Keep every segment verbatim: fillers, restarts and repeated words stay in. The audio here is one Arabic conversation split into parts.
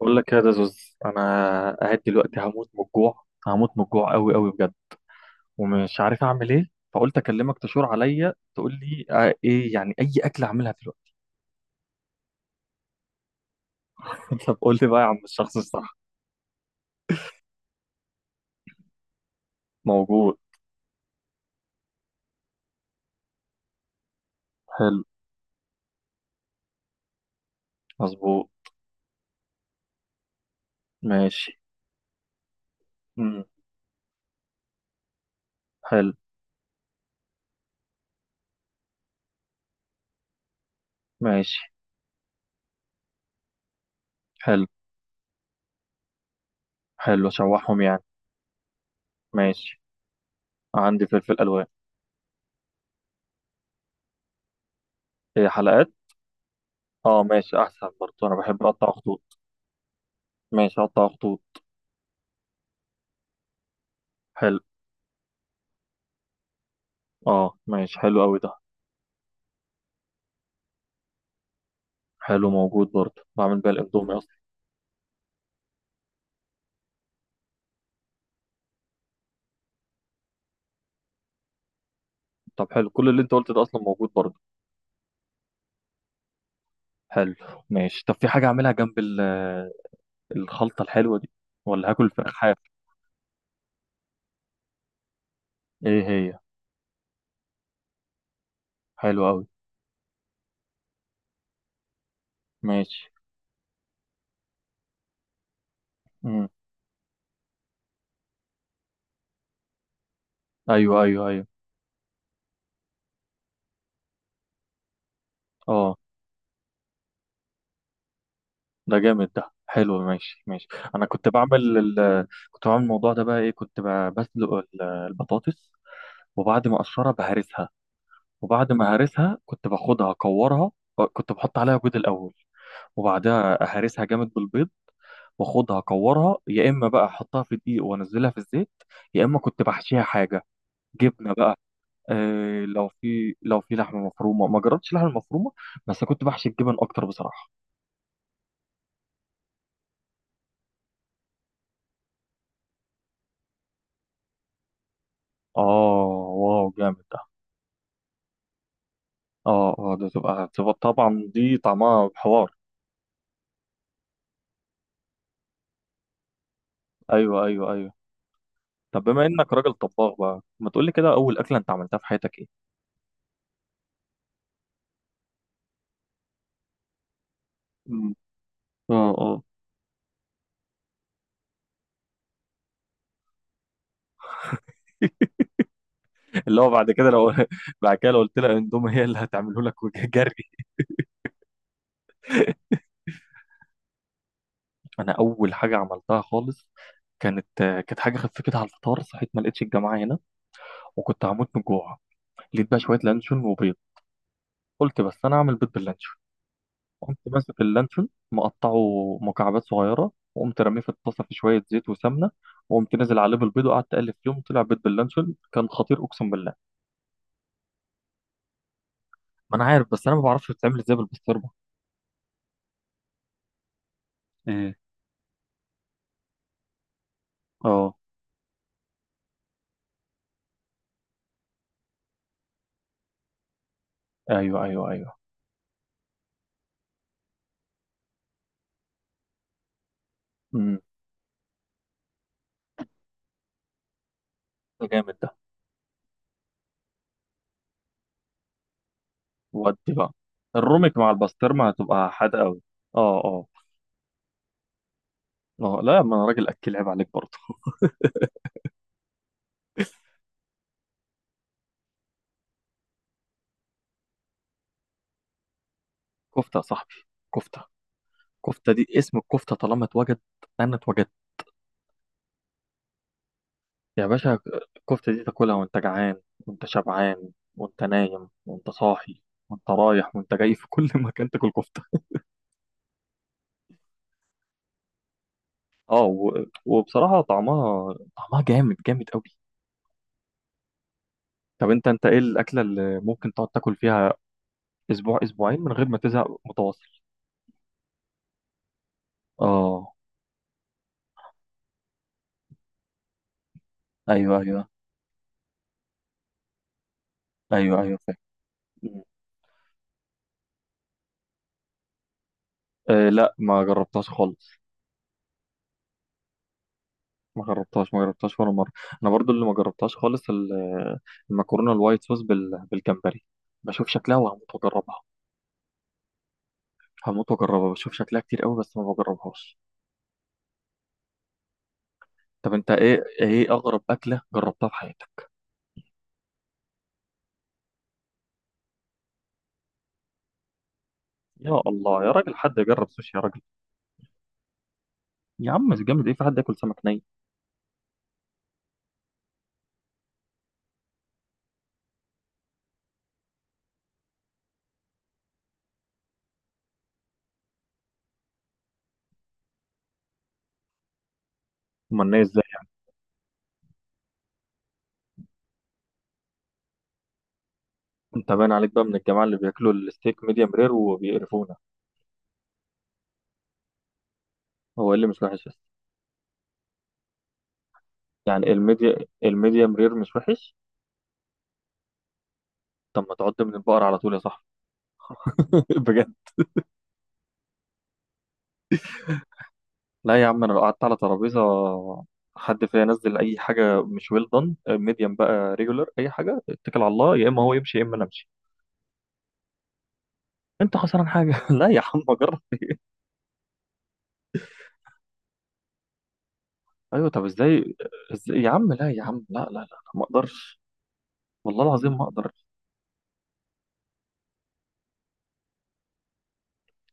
بقول لك يا زوز، انا قاعد دلوقتي. هموت من الجوع، هموت من الجوع قوي قوي بجد. ومش عارف اعمل ايه، فقلت اكلمك تشور عليا تقول لي آه، ايه يعني. اي اكل اعملها دلوقتي؟ طب قول لي بقى يا عم الشخص الصح. موجود. حلو. مظبوط. ماشي. مم. حلو. ماشي. حلو. حلو اشوحهم يعني. ماشي. عندي فلفل الوان. ايه حلقات. اه ماشي، احسن برضه انا بحب اقطع خطوط. ماشي اقطع خطوط. حلو. اه ماشي، حلو قوي ده. حلو موجود برضه. بعمل بقى الاندومي. طب حلو، كل اللي انت قلته ده اصلا موجود برضه. حلو. ماشي. طب في حاجه اعملها جنب ال- آه، الخلطه الحلوه دي؟ ولا هاكل فراخ؟ ايه هي؟ حلو قوي. ماشي. امم. ايوه ايوه ايوه. اه. ده جامد، ده حلو، ماشي ماشي. انا كنت بعمل ال... آه، كنت بعمل الموضوع ده. بقى ايه، كنت ب- بسلق ال- آه، البطاطس. وبعد ما اقشرها بهرسها. وبعد ما هرسها كنت باخدها اكورها. كنت بحط عليها بيض الاول، وبعدها اهرسها جامد بالبيض. واخدها اكورها، يا اما بقى احطها في دقيق وانزلها في الزيت، يا اما كنت بحشيها حاجه، جبنه بقى. آه، لو في لو في لحمه مفرومه. ما جربتش لحمه مفرومه، بس كنت بحشي الجبن اكتر بصراحه. اه. واو جامد ده. اه اه، ده تبقى تبقى طبعا دي طعمها حوار. ايوه ايوه ايوه. طب بما انك راجل طباخ بقى، ما تقول لي كده، اول اكله انت عملتها في حياتك ايه؟ مم. اه اه. اللي هو بعد كده لو بعد كده لو قلت لها اندومي، هي اللي هتعمله لك وجري. انا اول حاجه عملتها خالص كانت كانت حاجه خفيتها على الفطار. صحيت ما لقيتش الجماعه هنا، وكنت هموت من الجوع. لقيت بقى شويه لانشون وبيض. قلت بس انا اعمل بيض باللانشون. قمت ماسك اللانشون مقطعه مكعبات صغيره، وقمت رميه في الطاسه في شويه زيت وسمنه. وقمت نازل عليه بالبيض وقعدت اقلب فيهم. طلع بيض باللانشون كان خطير، اقسم بالله. ما انا عارف، بس انا ما بعرفش بتتعمل ازاي بالبسطرمه. ايه. اه. ايوه ايوه ايوه. امم. جامد ده. ودي بقى، الروميك مع البسطرمه هتبقى حادقه قوي. اه اه اه. لا ما انا راجل اكل، عيب عليك برضه. كفته يا صاحبي. كفته. كفته دي، اسم الكفته طالما اتوجد انا اتوجدت. يا باشا. الكفته دي تاكلها وانت جعان وانت شبعان وانت نايم وانت صاحي وانت رايح وانت جاي، في كل مكان تاكل كفته. اه و... وبصراحه طعمها، طعمها جامد جامد قوي. طب انت، انت ايه الاكله اللي ممكن تقعد تاكل فيها اسبوع اسبوعين من غير ما تزهق متواصل؟ اه. ايوه ايوه. ايوه ايوه فاهم. آه لا، ما جربتهاش خالص. ما جربتهاش ما جربتهاش ولا مره. انا برضو اللي ما جربتهاش خالص، ال- المكرونه الوايت صوص بال- بالجمبري. بشوف شكلها وهموت واجربها. هموت واجربها، بشوف شكلها كتير قوي بس ما بجربهاش. طب انت ايه، ايه اغرب اكله جربتها في حياتك؟ يا الله يا راجل، حد يجرب سوشي يا راجل! يا عم مش جامد، ايه في حد ياكل سمك ني؟ امال ني ازاي؟ انت باين عليك بقى من الجماعه اللي بياكلوا الستيك ميديم رير وبيقرفونا. هو ايه اللي مش وحش بس؟ يعني الميديا، الميديم رير مش وحش؟ طب ما تعد من البقر على طول يا صاحبي. بجد. لا يا عم، انا لو قعدت على ترابيزه حد فيها ينزل اي حاجه مش ويل دون، ميديم بقى ريجولر اي حاجه، اتكل على الله، يا اما هو يمشي يا اما انا امشي. انت خسران حاجه. لا يا عم اجرب. ايوه طب ازاي؟ ازاي يا عم، لا يا عم، لا لا لا، ما اقدرش. والله العظيم ما اقدر.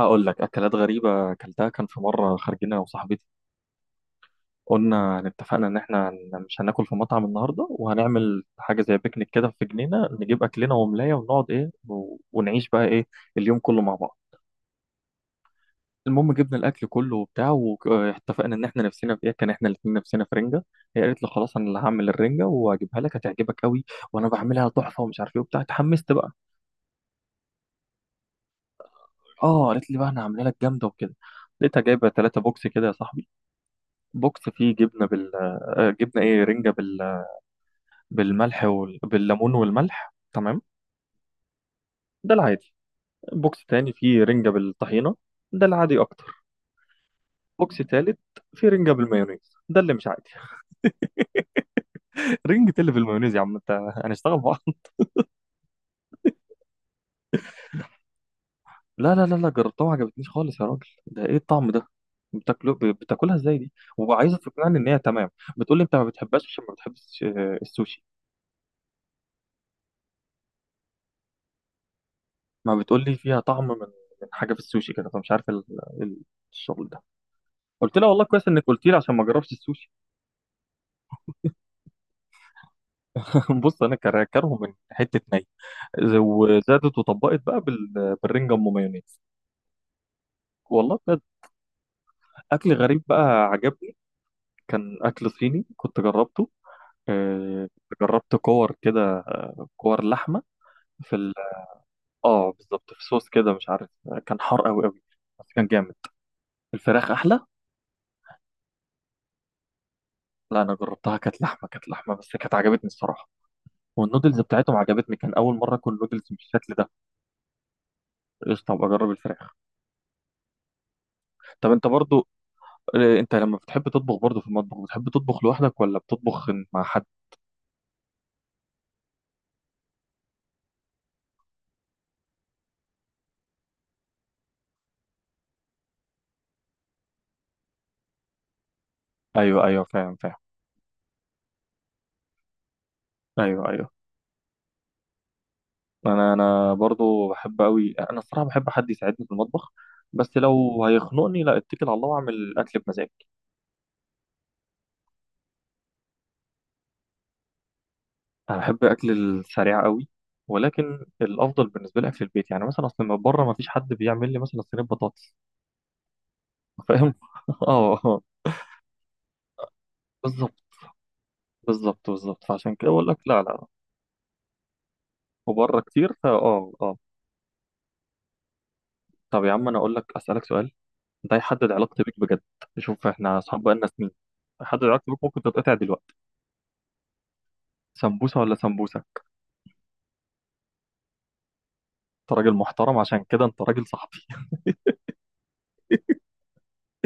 اقول لك اكلات غريبه اكلتها. كان في مره خارجين انا وصاحبتي، قلنا يعني، اتفقنا ان احنا هن- مش هناكل في مطعم النهارده، وهنعمل حاجه زي بيكنيك كده في جنينه. نجيب اكلنا وملايه ونقعد ايه و- ونعيش بقى ايه اليوم كله مع بعض. المهم جبنا الاكل كله وبتاع، واتفقنا ان احنا نفسنا في ايه. كان احنا الاثنين نفسنا في رنجه. هي قالت له خلاص، انا اللي هعمل الرنجه وهجيبها لك هتعجبك قوي، وانا بعملها تحفه ومش عارف ايه وبتاع. اتحمست بقى. اه قالت لي بقى انا هعملها لك جامده وكده. لقيتها جايبه ثلاثة بوكس كده يا صاحبي. بوكس فيه جبنه بال آه، جبنه ايه، رنجه بال... بالملح وال... بالليمون والملح. تمام. ده العادي. بوكس تاني فيه رنجه بالطحينه. ده العادي اكتر. بوكس تالت فيه رنجه بالمايونيز. ده اللي مش عادي. رنجة إيه اللي بالمايونيز يا عم انت؟ هنشتغل مع. لا لا لا لا، جربتها ما عجبتنيش خالص. يا راجل ده ايه الطعم ده؟ بتاكله ب- بتاكلها ازاي دي؟ وعايزه تقنعني ان هي تمام. بتقول لي انت ما بتحبهاش عشان ما بتحبش آه، السوشي. ما بتقول لي فيها طعم من من حاجه في السوشي كده. فمش عارف ال- ال- الشغل ده. قلت لها والله كويس انك قلت لي عشان ما اجربش السوشي. بص انا كر- كارهه من حته ني، وزادت وطبقت بقى بال- بالرنجة ام مايونيز. والله بجد. اكل غريب بقى عجبني، كان اكل صيني كنت جربته. آه، كنت جربت كور كده. كور لحمه في. اه بالظبط، في صوص كده مش عارف. كان حار قوي قوي، بس كان جامد. الفراخ احلى. لا انا جربتها كانت لحمه، كانت لحمه بس كانت عجبتني الصراحه. والنودلز بتاعتهم عجبتني، كان اول مره اكل نودلز بالشكل ده. قشطه، ابقى اجرب الفراخ. طب انت برضو، آه، انت لما بتحب تطبخ برضو في المطبخ، بتحب تطبخ لوحدك ولا بتطبخ مع حد؟ ايوه ايوه فاهم فاهم. ايوه ايوه. انا انا برضو بحب قوي. انا الصراحه بحب حد يساعدني في المطبخ، بس لو هيخنقني لا، اتكل على الله واعمل الاكل بمزاجي. انا بحب اكل السريع قوي، ولكن الافضل بالنسبه لي اكل البيت. يعني مثلا اصل من بره ما فيش حد بيعمل لي مثلا صينيه بطاطس. فاهم. اه آه. بالظبط بالظبط بالظبط. فعشان كده بقول لك لا لا. وبره كتير، فا اه اه. طب يا عم انا اقول لك، اسالك سؤال ده هيحدد علاقتي بيك بجد. شوف احنا اصحاب بقالنا سنين. هيحدد علاقتي بيك، ممكن تتقطع دلوقتي. سمبوسه ولا سمبوسه؟ انت راجل محترم، عشان كده انت راجل صاحبي.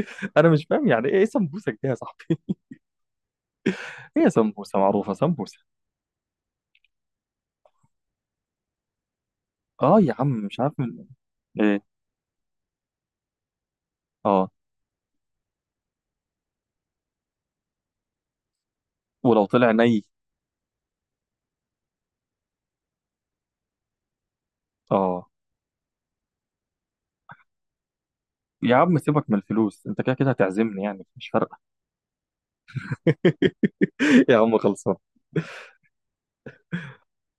انا مش فاهم يعني ايه، إيه سمبوسه دي يا صاحبي؟ هي سمبوسه معروفه، سمبوسه. اه يا عم مش عارف. من ايه؟ اه. ولو طلع ني؟ اه. يا عم سيبك من الفلوس، انت كده كده هتعزمني يعني مش فارقه. يا عم خلصان.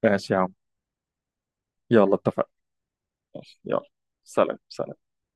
ماشي يا عم. يلا اتفقنا. ماشي، يلا. سلام سلام.